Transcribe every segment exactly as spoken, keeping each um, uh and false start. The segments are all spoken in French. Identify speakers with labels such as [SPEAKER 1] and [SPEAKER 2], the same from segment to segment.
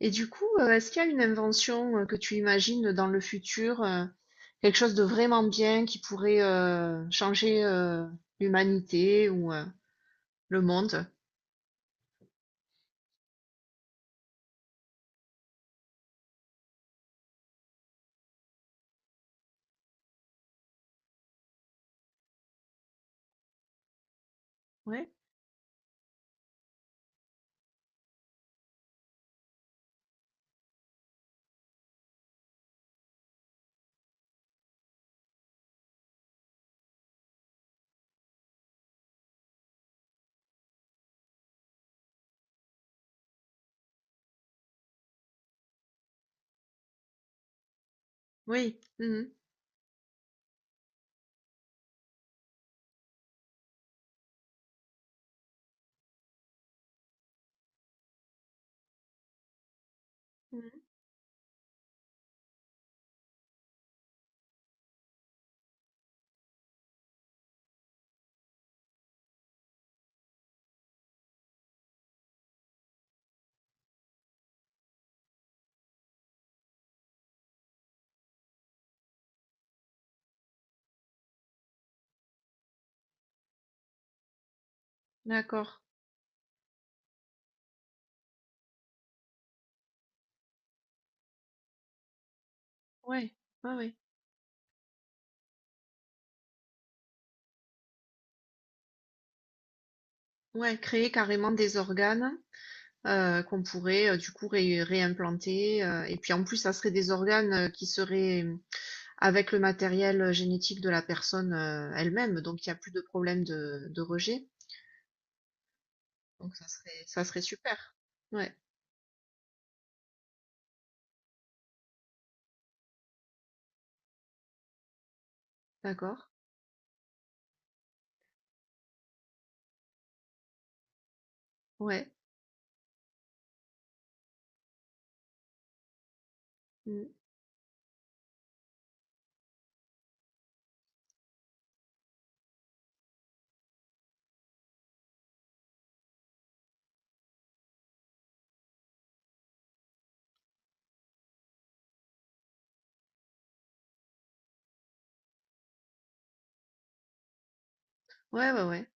[SPEAKER 1] Et du coup, heu, est-ce qu'il y a une invention, heu, que tu imagines dans le futur, heu, quelque chose de vraiment bien qui pourrait, heu, changer, heu, l'humanité ou, heu, le monde? Ouais, oui. Mmh mh. Mmh. D'accord. Ouais, ouais, ouais. Ouais, créer carrément des organes, heu, qu'on pourrait, heu, du coup ré réimplanter, heu et puis en plus ça serait des organes, heu, qui seraient, mmh, avec le matériel, euh, génétique de la personne, heu, elle-même, donc il y a plus de problème de de rejet. Donc ça serait ça serait super. Ouais, d'accord. Ouais. Mm. Ouais, ouais, ouais.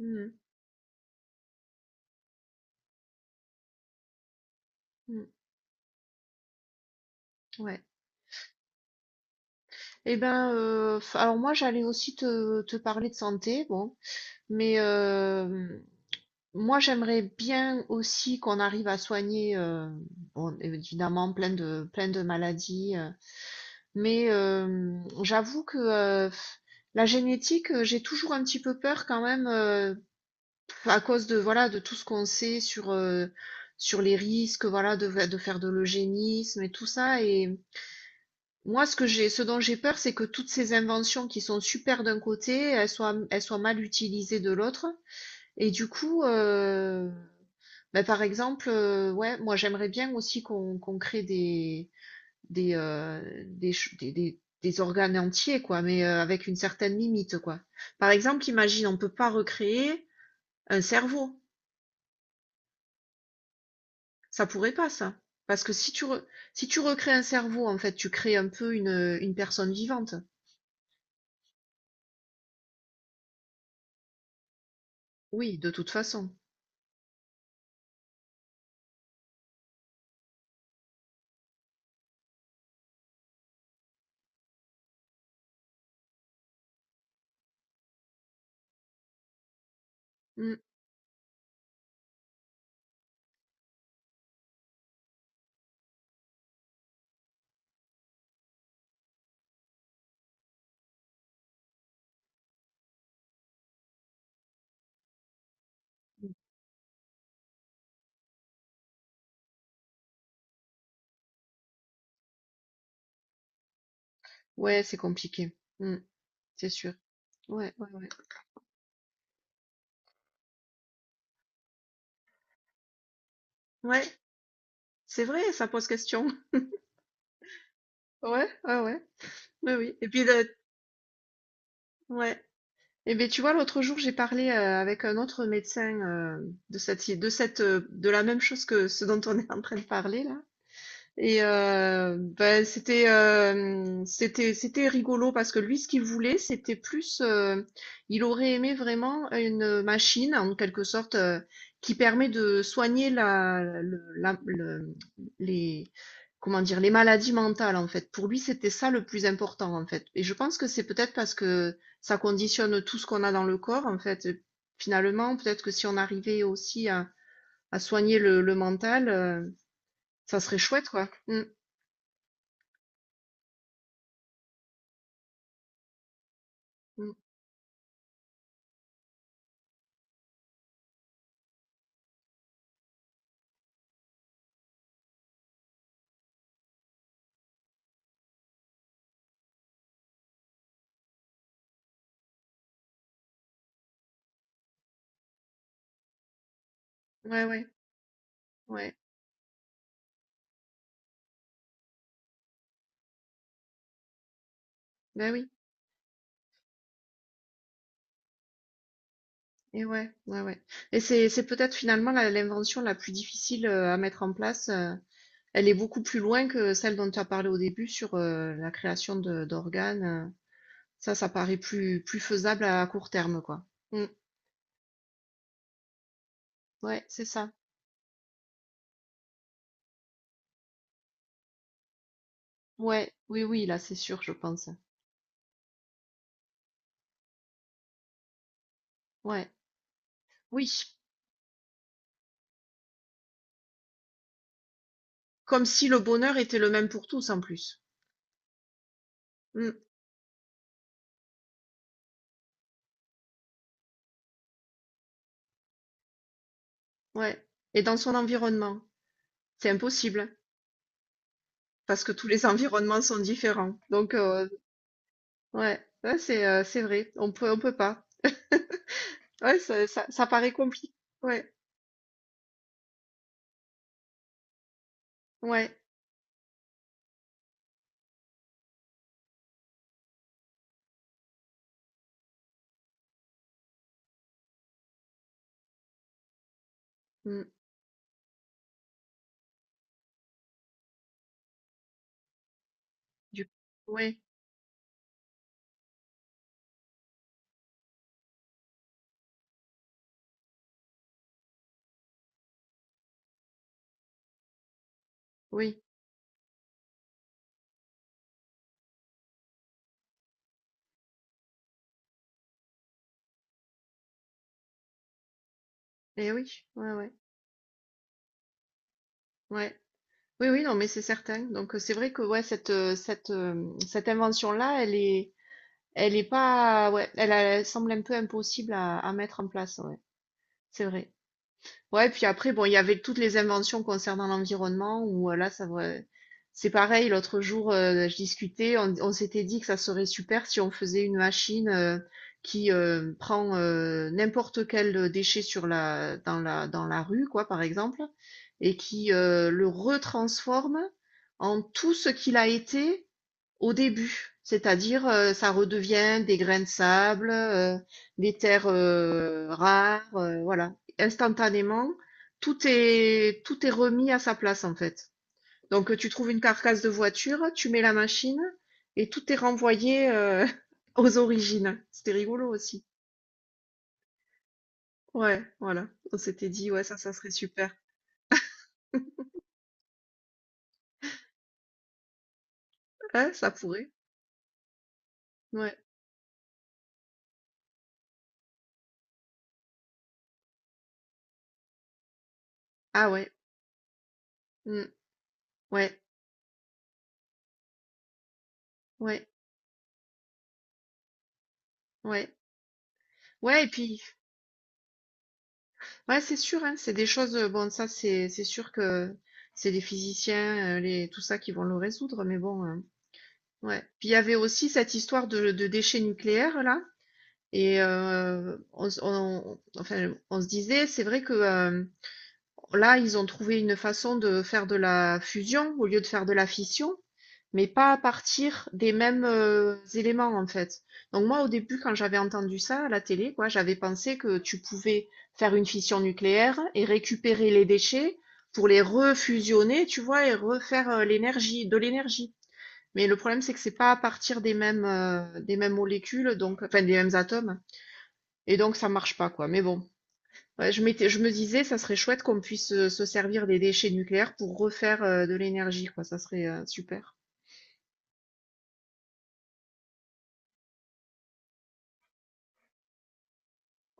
[SPEAKER 1] Mm, mm, ouais. Eh ben, euh, f- alors moi j'allais aussi te, te parler de santé, bon, mais euh, moi j'aimerais bien aussi qu'on arrive à soigner, euh, bon, évidemment plein de plein de maladies, euh, mais euh, j'avoue que euh, la génétique, euh, j'ai toujours un petit peu peur quand même. Euh, à cause de voilà de tout ce qu'on sait sur euh, sur les risques voilà de, de faire de l'eugénisme et tout ça et moi ce que j'ai ce dont j'ai peur c'est que toutes ces inventions qui sont super d'un côté elles soient elles soient mal utilisées de l'autre et du coup euh, ben, par exemple euh, ouais moi j'aimerais bien aussi qu'on qu'on crée des des, euh, des ch- des des des organes entiers quoi mais euh, avec une certaine limite quoi. Par exemple imagine on peut pas recréer un cerveau. Ça pourrait pas, ça. Parce que si tu, re- si tu recrées un cerveau, en fait, tu crées un peu une, une personne vivante. Oui, de toute façon. Mm. Ouais, c'est compliqué. Mm. C'est sûr. Ouais, ouais, ouais. Ouais, c'est vrai, ça pose question. Ouais, ouais, ouais. Oui, oui. Et puis, le... ouais. Et bien, tu vois, l'autre jour, j'ai parlé euh, avec un autre médecin euh, de cette, de cette, euh, de la même chose que ce dont on est en train de parler, là. Et heu, bah, c'était, hem, c'était c'était rigolo parce que lui, ce qu'il voulait, c'était plus, heu, il aurait aimé vraiment une, machine en quelque sorte, heu, qui permet de soigner la le la le les comment dire? Les maladies mentales, en fait. Pour lui, c'était ça le plus important, en fait. Et je pense que c'est peut-être parce que ça conditionne tout ce qu'on a dans le corps, en fait, finalement, peut-être que si on arrivait aussi à à soigner le le mental, heu, ça serait chouette, quoi. Mmh. Mmh. Ouais, ouais, ouais. Ben oui, et ouais, ouais, ouais. Et c'est, c'est peut-être finalement la- l'invention la plus difficile euh, à mettre en place. euh, Elle est beaucoup plus loin que celle dont tu as parlé au début sur euh, la création de- d'organes. euh. Ça, ça paraît plus, plus faisable à court terme, quoi. Mm. Ouais, c'est ça. Ouais, oui, oui, là, c'est sûr, je pense. Ouais, oui. Comme si le bonheur était le même pour tous, en plus. Mm. Ouais. Et dans son environnement. C'est impossible, hein, parce que tous les environnements sont différents. Donc, euh, ouais, ouais, c'est euh, c'est vrai, on peut on peut pas. Ouais, ça, ça, ça paraît compliqué. Ouais, ouais. Mm. Du ouais, oui, et oui, ouais, ouais, ouais. Oui, oui, non, mais c'est certain. Donc euh, c'est vrai que ouais, cette euh, cette euh, cette invention-là, elle est elle est pas ouais, elle, a- elle semble un peu impossible à, à mettre en place. Ouais, c'est vrai. Ouais, puis après, bon, il y avait toutes les inventions concernant l'environnement où euh, là, ça va- c'est pareil, l'autre jour, euh, je discutais, on, on s'était dit que ça serait super si on faisait une machine euh, qui euh, prend euh, n'importe quel euh, déchet sur la, dans la, dans la rue, quoi, par exemple, et qui euh, le retransforme en tout ce qu'il a été au début, c'est-à-dire, heu, ça redevient des grains de sable, heu, des terres, heu, rares, heu, voilà. Instantanément, tout est tout est remis à sa place, en fait. Donc, tu trouves une carcasse de voiture, tu mets la machine et tout est renvoyé, heu, aux origines. C'était rigolo aussi. Ouais, voilà. On s'était dit: «Ouais, ça, ça serait super». Ouais, ça pourrait. Ouais. Ah ouais. Mmh. Ouais, ouais, ouais. Ouais et puis ouais, c'est sûr, hein, c'est des choses, euh, bon, ça, c'est c'est sûr que c'est les physiciens, euh, les, tout ça qui vont le résoudre, mais bon, euh, ouais. Puis il y avait aussi cette histoire de, de déchets nucléaires, là, et euh, on, s- on- enfin, on se disait, c'est vrai que euh, là, ils ont trouvé une façon de faire de la fusion au lieu de faire de la fission, mais pas à partir des mêmes euh, éléments en fait. Donc moi, au début, quand j'avais entendu ça à la télé, quoi, j'avais pensé que tu pouvais faire une fission nucléaire et récupérer les déchets pour les refusionner, tu vois, et refaire euh, l'énergie, de l'énergie. Mais le problème, c'est que c'est pas à partir des mêmes, euh, des mêmes molécules, donc, enfin, des mêmes atomes. Et donc, ça marche pas, quoi. Mais bon, ouais, je m'étais, je me disais, ça serait chouette qu'on puisse euh, se servir des déchets nucléaires pour refaire euh, de l'énergie, quoi. Ça serait euh, super.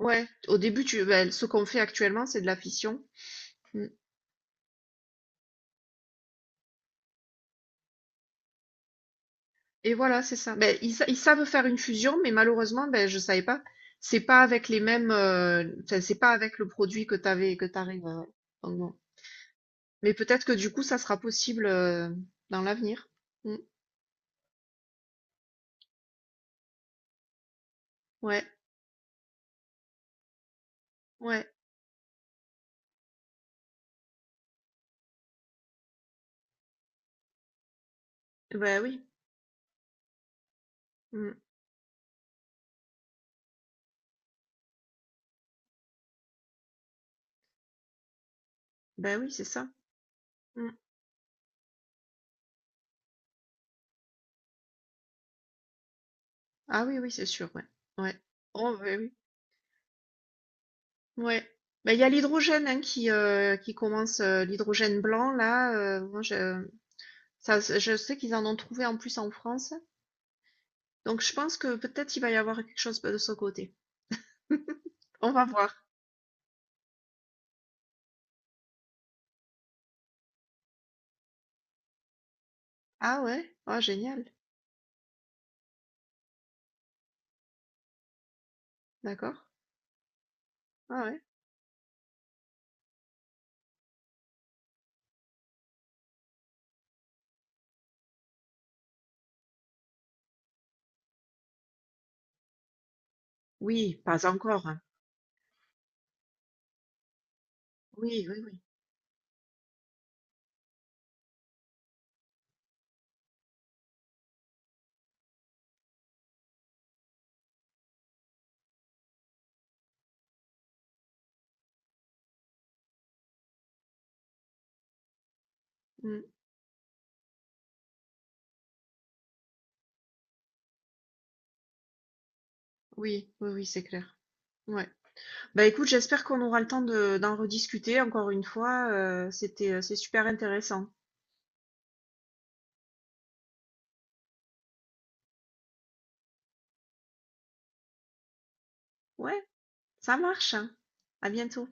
[SPEAKER 1] Ouais, au début, tu, ben, ce qu'on fait actuellement, c'est de la fission. Mm. Et voilà, c'est ça. Ben, ils, sa- ils savent faire une fusion, mais malheureusement, ben, je savais pas. C'est pas avec les mêmes, euh, enfin, c'est pas avec le produit que t'avais, que t'arrives. Euh, donc bon. Mais peut-être que du coup, ça sera possible euh, dans l'avenir. Mm. Ouais, ouais. Ben oui. Mm. Ben oui, c'est ça. Mm. Ah oui, oui, c'est sûr. Ouais. Ouais. Oh, ben oui. Ouais. Bah, il y a l'hydrogène hein, qui, euh, qui commence, euh, l'hydrogène blanc, là. Euh, moi, je, ça, je sais qu'ils en ont trouvé en plus en France. Donc, je pense que peut-être il va y avoir quelque chose de ce côté. On va voir. Ah ouais? Ah, génial. D'accord. Ah ouais. Oui, pas encore. Hein. Oui, oui, oui. Mm. Oui, oui, oui, c'est clair. Ouais. Bah écoute, j'espère qu'on aura le temps de, d'en rediscuter encore une fois. euh, c'était, euh, c'est super intéressant. Ouais, ça marche. Hein. À bientôt.